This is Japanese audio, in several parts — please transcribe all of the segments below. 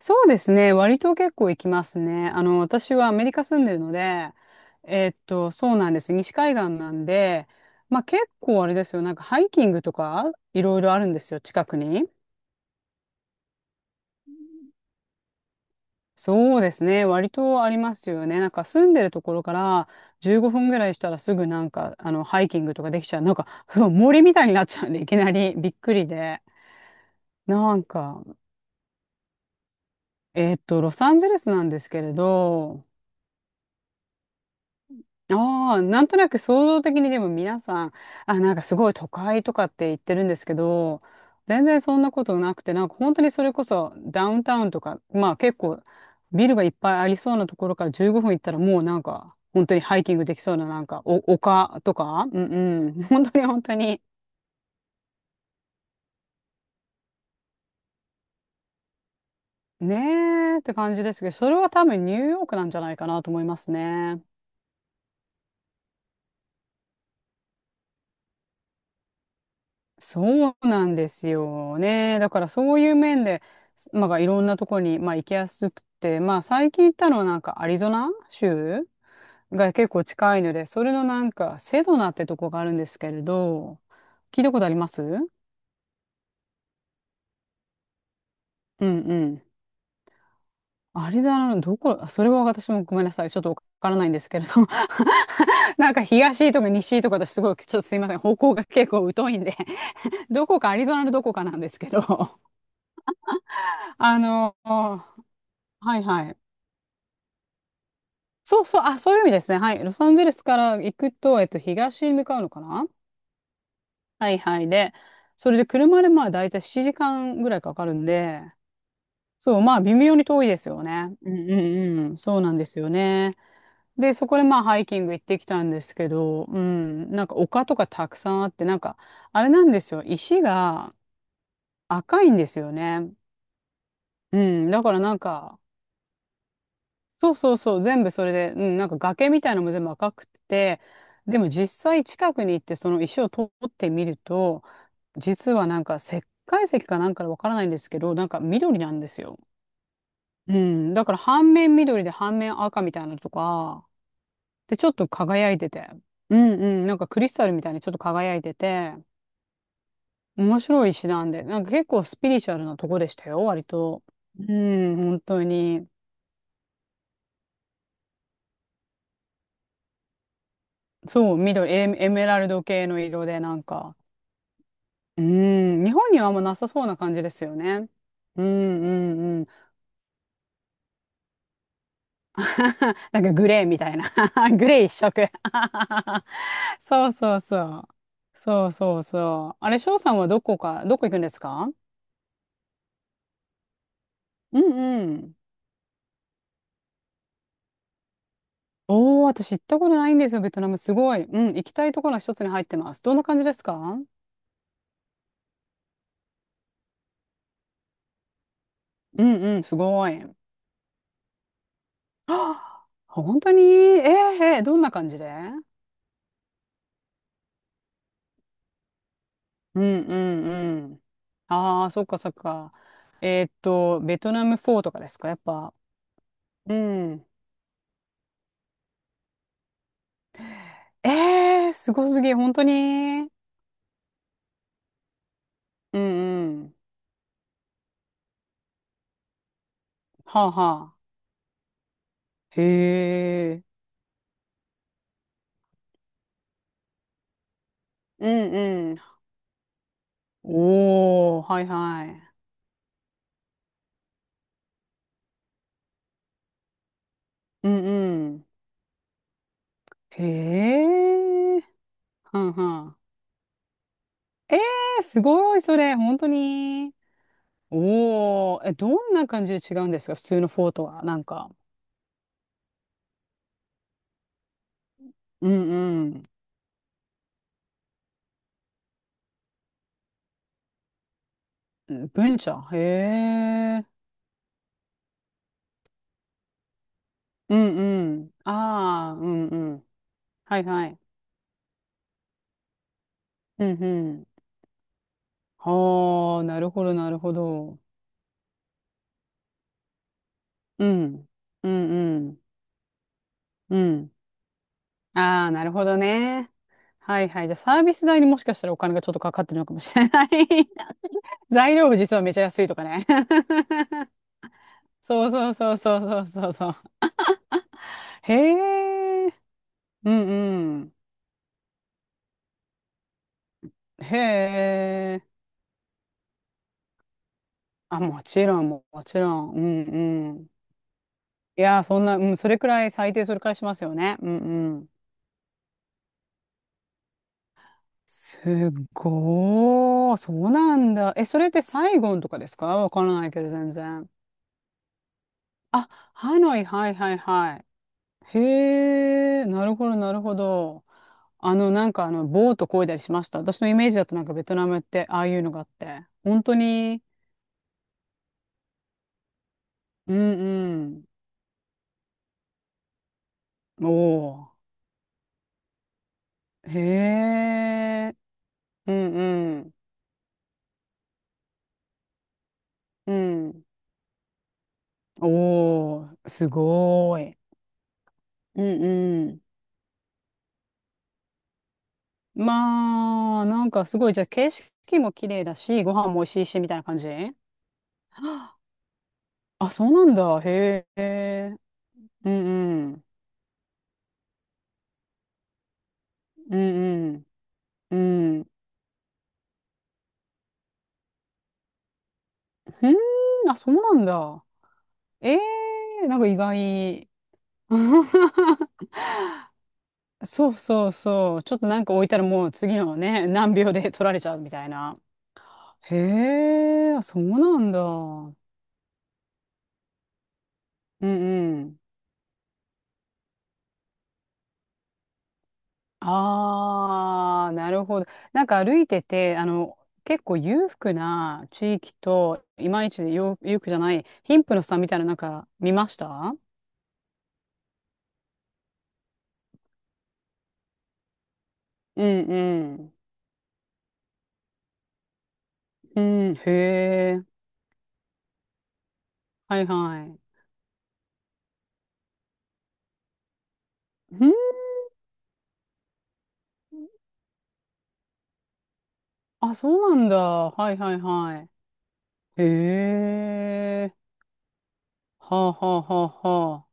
そうですね。割と結構行きますね。あの、私はアメリカ住んでるので、そうなんです。西海岸なんで、まあ結構あれですよ。なんかハイキングとかいろいろあるんですよ、近くに。そうですね。割とありますよね。なんか住んでるところから15分ぐらいしたらすぐなんか、あの、ハイキングとかできちゃう。なんか、そう森みたいになっちゃうんで、いきなりびっくりで。なんか、ロサンゼルスなんですけれど、ああ、なんとなく想像的にでも皆さん、あ、なんかすごい都会とかって言ってるんですけど、全然そんなことなくて、なんか本当にそれこそダウンタウンとか、まあ結構ビルがいっぱいありそうなところから15分行ったらもうなんか本当にハイキングできそうななんかお丘とか、うんうん、本当に、ねえって感じですけど、それは多分ニューヨークなんじゃないかなと思いますね。そうなんですよね。だからそういう面で、まあ、いろんなとこに、まあ、行きやすくて、まあ、最近行ったのはなんかアリゾナ州が結構近いので、それのなんかセドナってとこがあるんですけれど、聞いたことあります？うんうん。アリゾナのどこ、あそれは私もごめんなさい。ちょっとわからないんですけれど、なんか東とか西とか私すごい、ちょっとすいません。方向が結構疎いんで、どこかアリゾナのどこかなんですけど、あの、はいはい。そうそう、あ、そういう意味ですね。はい。ロサンゼルスから行くと、東に向かうのかな？はいはい。で、それで車でまあ大体7時間ぐらいかかるんで、そう、まあ微妙に遠いですよね。うんうんうん。そうなんですよね。で、そこでまあハイキング行ってきたんですけど、うん、なんか丘とかたくさんあって、なんか、あれなんですよ。石が赤いんですよね。うん。だからなんか、そうそうそう、全部それで、うん、なんか崖みたいなのも全部赤くて、でも実際近くに行ってその石を取ってみると、実はなんか石灰石かなんかわからないんですけど、なんか緑なんですよ。うん、だから半面緑で半面赤みたいなのとか、で、ちょっと輝いてて、うんうん、なんかクリスタルみたいにちょっと輝いてて、面白い石なんで、なんか結構スピリチュアルなとこでしたよ、割と。うん、本当に。そう、緑、エ、エメラルド系の色で、なんか、うん、日本にはあんまなさそうな感じですよね。うんうんうん。なんかグレーみたいな。グレー一色 そうそうそう。そうそうそう。あれ、翔さんはどこか、どこ行くんですか？うんうん。おー、私行ったことないんですよ、ベトナム。すごい。うん、行きたいところの一つに入ってます。どんな感じですか？うんうん、すごい。はあ、本当に？えー、えーどんな感じで？うんうんうん。ああ、そっかそっか。ベトナムフォーとかですか、やっぱ。うん。えー、すごすぎ、本当に。うんうん。はあはあ。へえ。うんうん。おー、はいはい。うんうん。へえ。はんはん。えー、すごい、それ、本当に。おー、え、どんな感じで違うんですか、普通のフォーとは。なんか。うんうん。文化。へえ。うんうん。ああ、うんうん。はいはい。うんうん。はあ、なるほど、なるほど。うん。うんうん。うん。ああ、なるほどね。はいはい。じゃあサービス代にもしかしたらお金がちょっとかかってるのかもしれない。 材料部実はめちゃ安いとかね。 そうそうそうそうそうそうそう。へえ。うんうん。へえ。あ、もちろん、もちろん。うんうん。いやー、そんな、うん、それくらい、最低それくらいしますよね。うんうん。すっごー、そうなんだ。え、それってサイゴンとかですか？わからないけど、全然。あ、ハノイ、はいはいはい。へえ、なるほど、なるほど。あの、なんかあの、ボート漕いだりしました。私のイメージだとなんかベトナムって、ああいうのがあって。本当に、うんうん。おー、へえ、うんうん。うん。おー、すごーい。うんうん。まあ、なんかすごい、じゃあ景色も綺麗だし、ご飯も美味しいし、みたいな感じ。あ、そうなんだ。へえ。うんうん。うんうん。うん。ふーん、あ、そうなんだ。ええ、なんか意外。そうそうそう。ちょっとなんか置いたらもう次のね、何秒で取られちゃうみたいな。へえ、あ、そうなんだ。うんうん。ああ、なるほど。なんか歩いてて、あの、結構裕福な地域と、いまいちよ裕福じゃない、貧富の差みたいな、なんか見ました？うんうん、うんへえ。はいはい。うんあ、そうなんだ。はいはいはい。へえ。はあはあはあは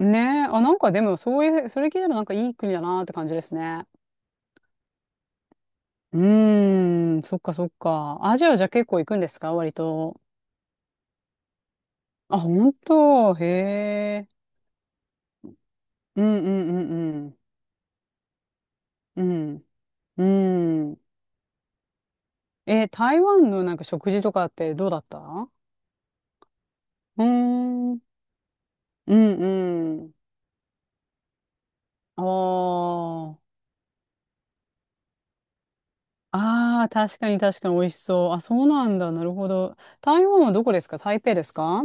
あ。ねえ。あ、なんかでも、そういう、それ聞いたらなんかいい国だなって感じですね。うーん、そっかそっか。アジアじゃ結構行くんですか割と。あ、本当、へえ。うんうんうんうん。うん。うん。え、台湾のなんか食事とかってどうだった？うーん。うんうん。ああ。ああ、確かに確かに美味しそう。あ、そうなんだ。なるほど。台湾はどこですか？台北ですか？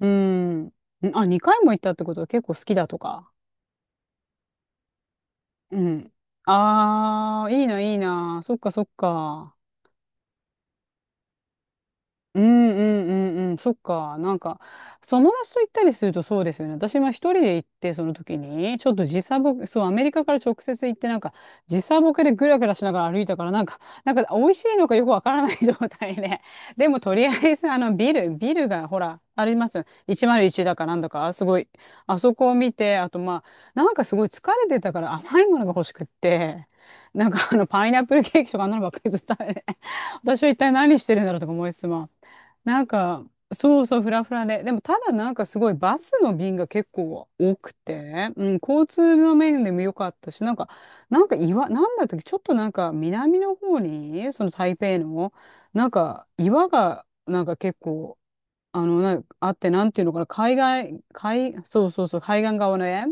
うん。んあ、2回も行ったってことは結構好きだとか。うん。ああ、いいな、いいな。そっかそっか。うんうんうんうん、そっか。なんか、友達と行ったりするとそうですよね。私は一人で行って、その時に、ちょっと時差ボケ、そう、アメリカから直接行って、なんか、時差ボケでぐらぐらしながら歩いたから、なんか、なんか、美味しいのかよくわからない状態で。でも、とりあえず、あの、ビル、ビルが、ほら、あります。101だかなんだか、すごい、あそこを見て、あと、まあ、なんかすごい疲れてたから甘いものが欲しくって、なんか、あの、パイナップルケーキとかあんなのばっかりずっと食べて、私は一体何してるんだろうとか思いつつも。なんか、そうそう、フラフラで。でも、ただなんかすごいバスの便が結構多くて、うん、交通の面でも良かったし、なんか、なんか岩、なんだったっけ、ちょっとなんか南の方に、その台北の、なんか岩が、なんか結構、あの、なあって、なんていうのかな、海外、海、そうそうそう、海岸側ね。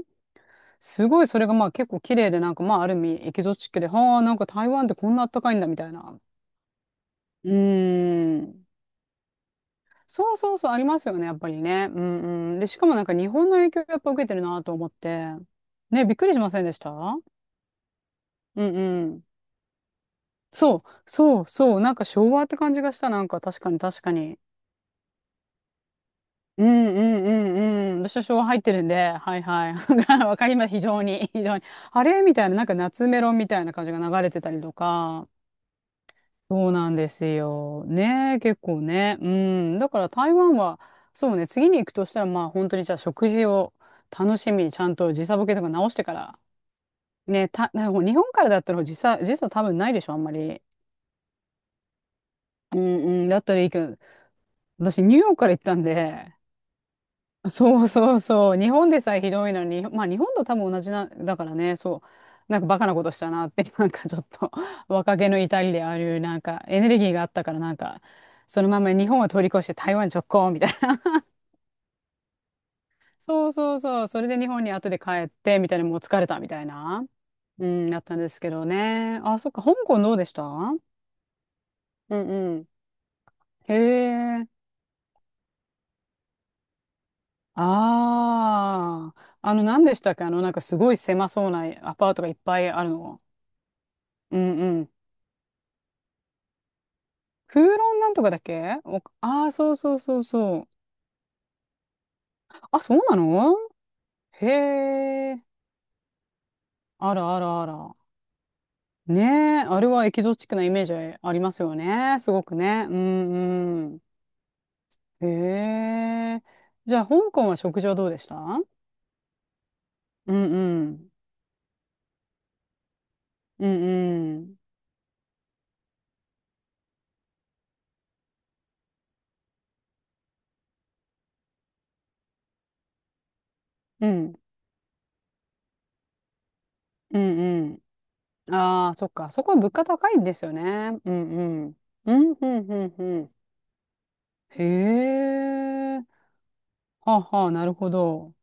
すごいそれがまあ結構綺麗で、なんかまあある意味エキゾチックで、はあ、なんか台湾ってこんなあったかいんだみたいな。うーん。そうそうそう、ありますよね、やっぱりね。うんうん。で、しかもなんか日本の影響やっぱ受けてるなと思って。ね、びっくりしませんでした？うんうん。そう、そうそう、なんか昭和って感じがした、なんか確かに確かに。うんうんうんうん。私は昭和入ってるんで、はいはい。わかります、非常に、非常に。あれみたいな、なんか夏メロみたいな感じが流れてたりとか。そうなんですよ。ねえ、結構ね。うん。だから台湾は、そうね、次に行くとしたら、まあ本当にじゃあ食事を楽しみにちゃんと時差ボケとか直してから。ね、た、なんかもう日本からだったら時差、時差多分ないでしょ、あんまり。うんうん。だったらいいけど、私ニューヨークから行ったんで、そうそうそう。日本でさえひどいのに、まあ日本と多分同じな、だからね、そう。なんかバカなことしたなって、なんかちょっと若気の至りであるなんかエネルギーがあったから、なんか、そのまま日本を通り越して台湾直行みたいな。そうそうそう。それで日本に後で帰って、みたいな、もう疲れたみたいな。うん、だったんですけどね。あ、そっか、香港どうでした？うんうん。へえ。ああ。あの、何でしたっけあの、なんかすごい狭そうなアパートがいっぱいあるの。うんうん。空論なんとかだっけ？おああー、そうそうそうそう。あ、そうなの？へえ。あらあらあら。ねえ、あれはエキゾチックなイメージありますよね。すごくね。うんうん。へえ。じゃあ、香港は食事はどうでした？うんうん。うんうん。うん。うんうん。ああ、そっか。そこは物価高いんですよね。うんうん。うんうんうんうん。へえ。はあはあ、なるほど。